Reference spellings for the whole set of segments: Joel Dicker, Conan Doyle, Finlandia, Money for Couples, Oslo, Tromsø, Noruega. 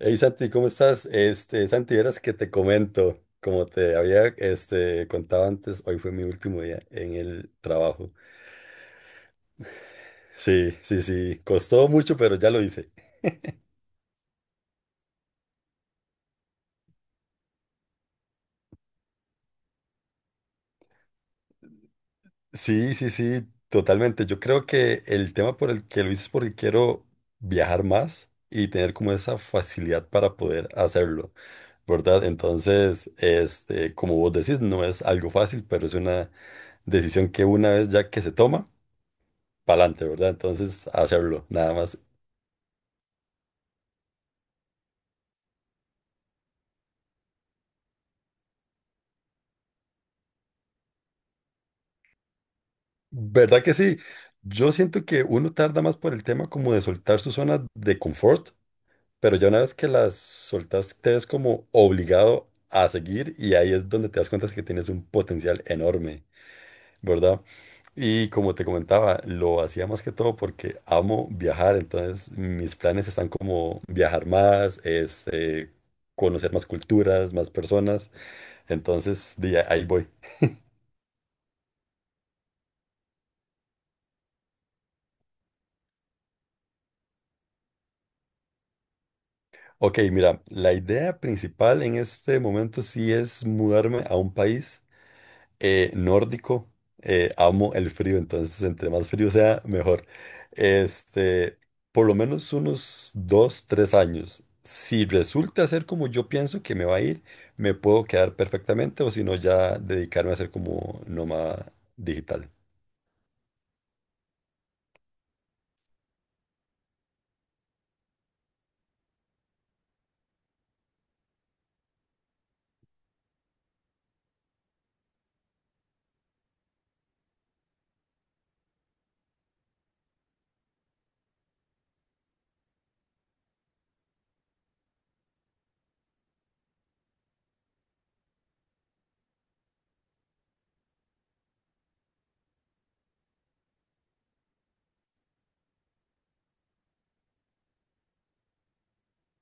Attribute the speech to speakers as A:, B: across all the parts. A: Hey Santi, ¿cómo estás? Santi, verás que te comento, como te había contado antes, hoy fue mi último día en el trabajo. Sí, sí, sí, costó mucho, pero ya lo hice. Sí, sí, sí, totalmente. Yo creo que el tema por el que lo hice es porque quiero viajar más y tener como esa facilidad para poder hacerlo, ¿verdad? Entonces, como vos decís, no es algo fácil, pero es una decisión que una vez ya que se toma para adelante, ¿verdad? Entonces, hacerlo, nada más. ¿Verdad que sí? Yo siento que uno tarda más por el tema como de soltar su zona de confort, pero ya una vez que las soltas, te ves como obligado a seguir y ahí es donde te das cuenta que tienes un potencial enorme, ¿verdad? Y como te comentaba, lo hacía más que todo porque amo viajar, entonces mis planes están como viajar más, conocer más culturas, más personas, entonces de ahí voy. Ok, mira, la idea principal en este momento sí es mudarme a un país nórdico. Amo el frío, entonces entre más frío sea, mejor. Este, por lo menos unos 2, 3 años. Si resulta ser como yo pienso que me va a ir, me puedo quedar perfectamente o si no ya dedicarme a ser como nómada digital.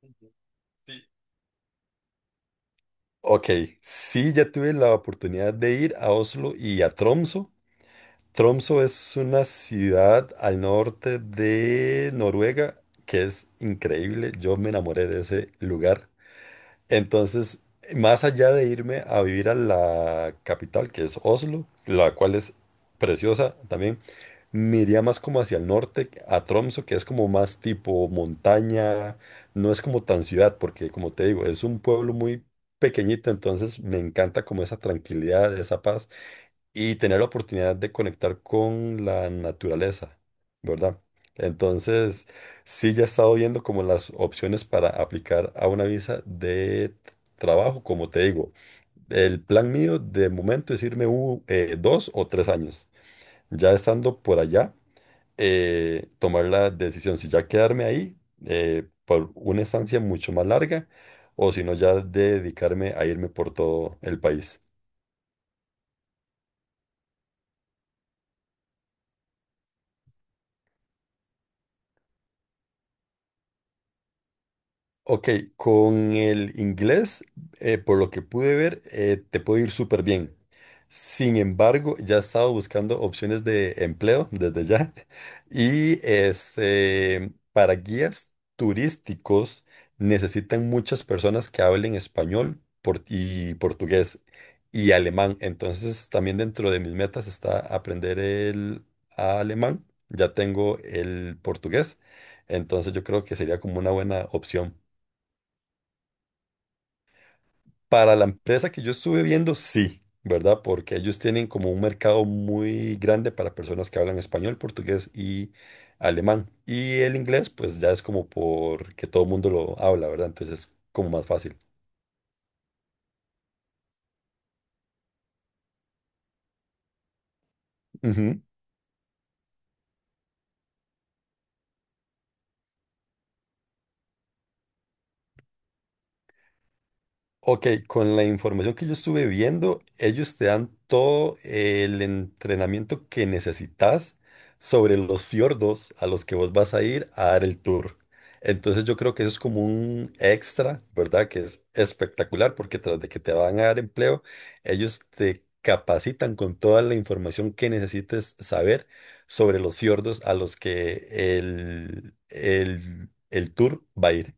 A: Ujú. Sí. Ok, sí, ya tuve la oportunidad de ir a Oslo y a Tromso. Tromso es una ciudad al norte de Noruega que es increíble. Yo me enamoré de ese lugar. Entonces, más allá de irme a vivir a la capital, que es Oslo, la cual es preciosa también, me iría más como hacia el norte, a Tromso, que es como más tipo montaña. No es como tan ciudad, porque como te digo, es un pueblo muy pequeñito. Entonces, me encanta como esa tranquilidad, esa paz y tener la oportunidad de conectar con la naturaleza, ¿verdad? Entonces, sí, ya he estado viendo como las opciones para aplicar a una visa de trabajo, como te digo. El plan mío de momento es irme 2 o 3 años. Ya estando por allá, tomar la decisión si ya quedarme ahí por una estancia mucho más larga o si no ya dedicarme a irme por todo el país. Ok, con el inglés, por lo que pude ver, te puede ir súper bien. Sin embargo, ya he estado buscando opciones de empleo desde ya. Y para guías turísticos necesitan muchas personas que hablen español y portugués y alemán. Entonces, también dentro de mis metas está aprender el alemán. Ya tengo el portugués. Entonces, yo creo que sería como una buena opción. Para la empresa que yo estuve viendo, sí, ¿verdad? Porque ellos tienen como un mercado muy grande para personas que hablan español, portugués y alemán. Y el inglés, pues ya es como porque todo el mundo lo habla, ¿verdad? Entonces es como más fácil. Ok, con la información que yo estuve viendo, ellos te dan todo el entrenamiento que necesitas sobre los fiordos a los que vos vas a ir a dar el tour. Entonces yo creo que eso es como un extra, ¿verdad? Que es espectacular porque tras de que te van a dar empleo, ellos te capacitan con toda la información que necesites saber sobre los fiordos a los que el tour va a ir.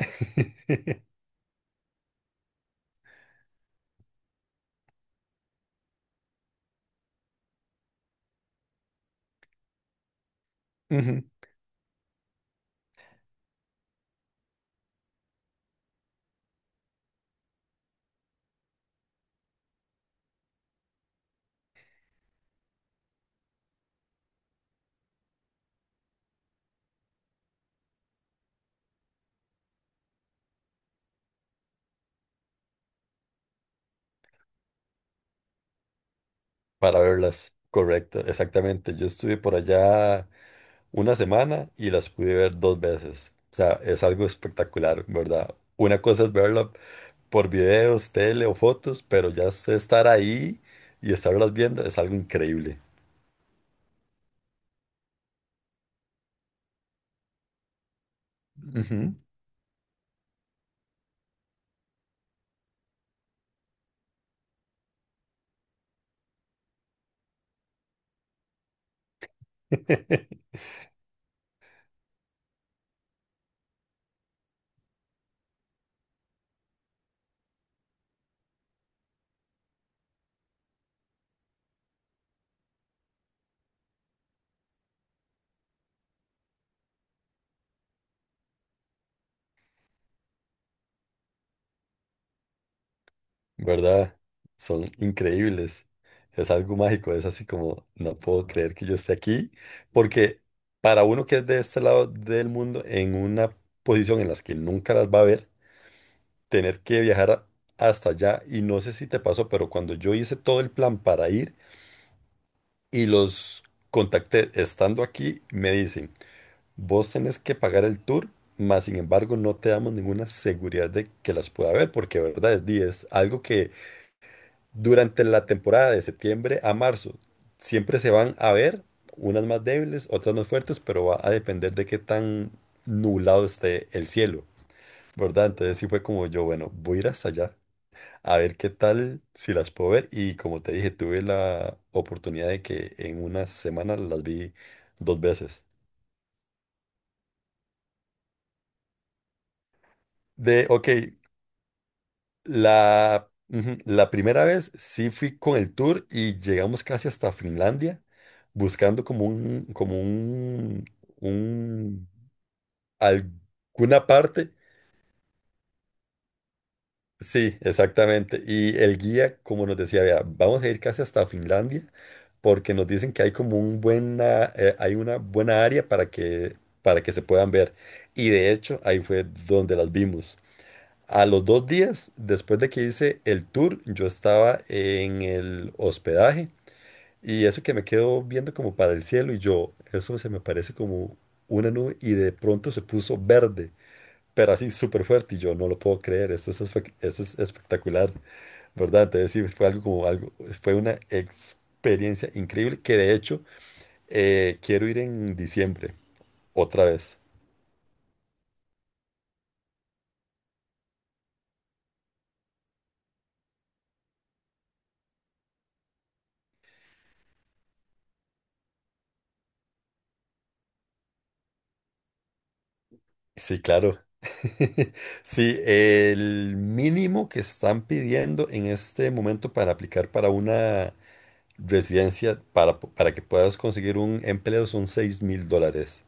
A: Ujú. Para verlas, correcto, exactamente. Yo estuve por allá una semana y las pude ver dos veces. O sea, es algo espectacular, ¿verdad? Una cosa es verla por videos, tele o fotos, pero ya sé estar ahí y estarlas viendo es algo increíble. Ujú. ¿Verdad? Son increíbles. Es algo mágico, es así como, no puedo creer que yo esté aquí, porque para uno que es de este lado del mundo, en una posición en las que nunca las va a ver, tener que viajar hasta allá y no sé si te pasó, pero cuando yo hice todo el plan para ir y los contacté estando aquí, me dicen, vos tenés que pagar el tour, mas sin embargo no te damos ninguna seguridad de que las pueda ver, porque verdad es, di, es algo que durante la temporada de septiembre a marzo siempre se van a ver, unas más débiles, otras más fuertes, pero va a depender de qué tan nublado esté el cielo, ¿verdad? Entonces sí fue como yo, bueno, voy a ir hasta allá a ver qué tal si las puedo ver. Y como te dije, tuve la oportunidad de que en una semana las vi dos veces. Ok, la primera vez sí fui con el tour y llegamos casi hasta Finlandia, buscando un, alguna parte. Sí, exactamente. Y el guía, como nos decía, vea, vamos a ir casi hasta Finlandia, porque nos dicen que hay una buena área para que se puedan ver. Y de hecho, ahí fue donde las vimos. A los 2 días, después de que hice el tour, yo estaba en el hospedaje y eso que me quedo viendo como para el cielo y yo, eso se me parece como una nube y de pronto se puso verde pero así súper fuerte y yo no lo puedo creer, eso es espectacular, ¿verdad? Entonces sí, fue algo como algo, fue una experiencia increíble que de hecho quiero ir en diciembre, otra vez. Sí, claro. Sí, el mínimo que están pidiendo en este momento para aplicar para una residencia, para que puedas conseguir un empleo son 6.000 dólares.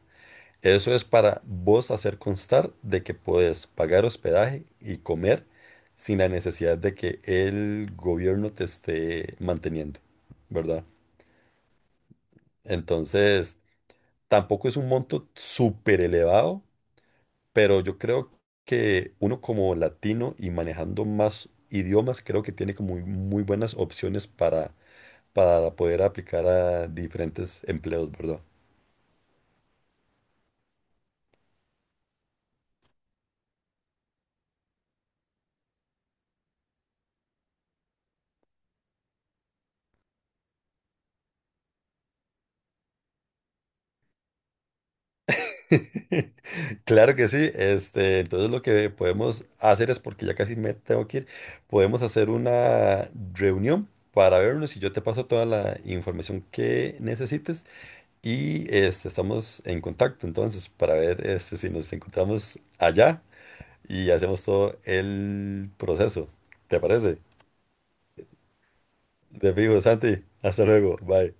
A: Eso es para vos hacer constar de que podés pagar hospedaje y comer sin la necesidad de que el gobierno te esté manteniendo, ¿verdad? Entonces, tampoco es un monto súper elevado, pero yo creo que uno como latino y manejando más idiomas, creo que tiene como muy, muy buenas opciones para poder aplicar a diferentes empleos, ¿verdad? Claro que sí. Entonces lo que podemos hacer es, porque ya casi me tengo que ir, podemos hacer una reunión para vernos y yo te paso toda la información que necesites y estamos en contacto entonces para ver si nos encontramos allá y hacemos todo el proceso. ¿Te parece? Te fijo, Santi. Hasta luego. Bye.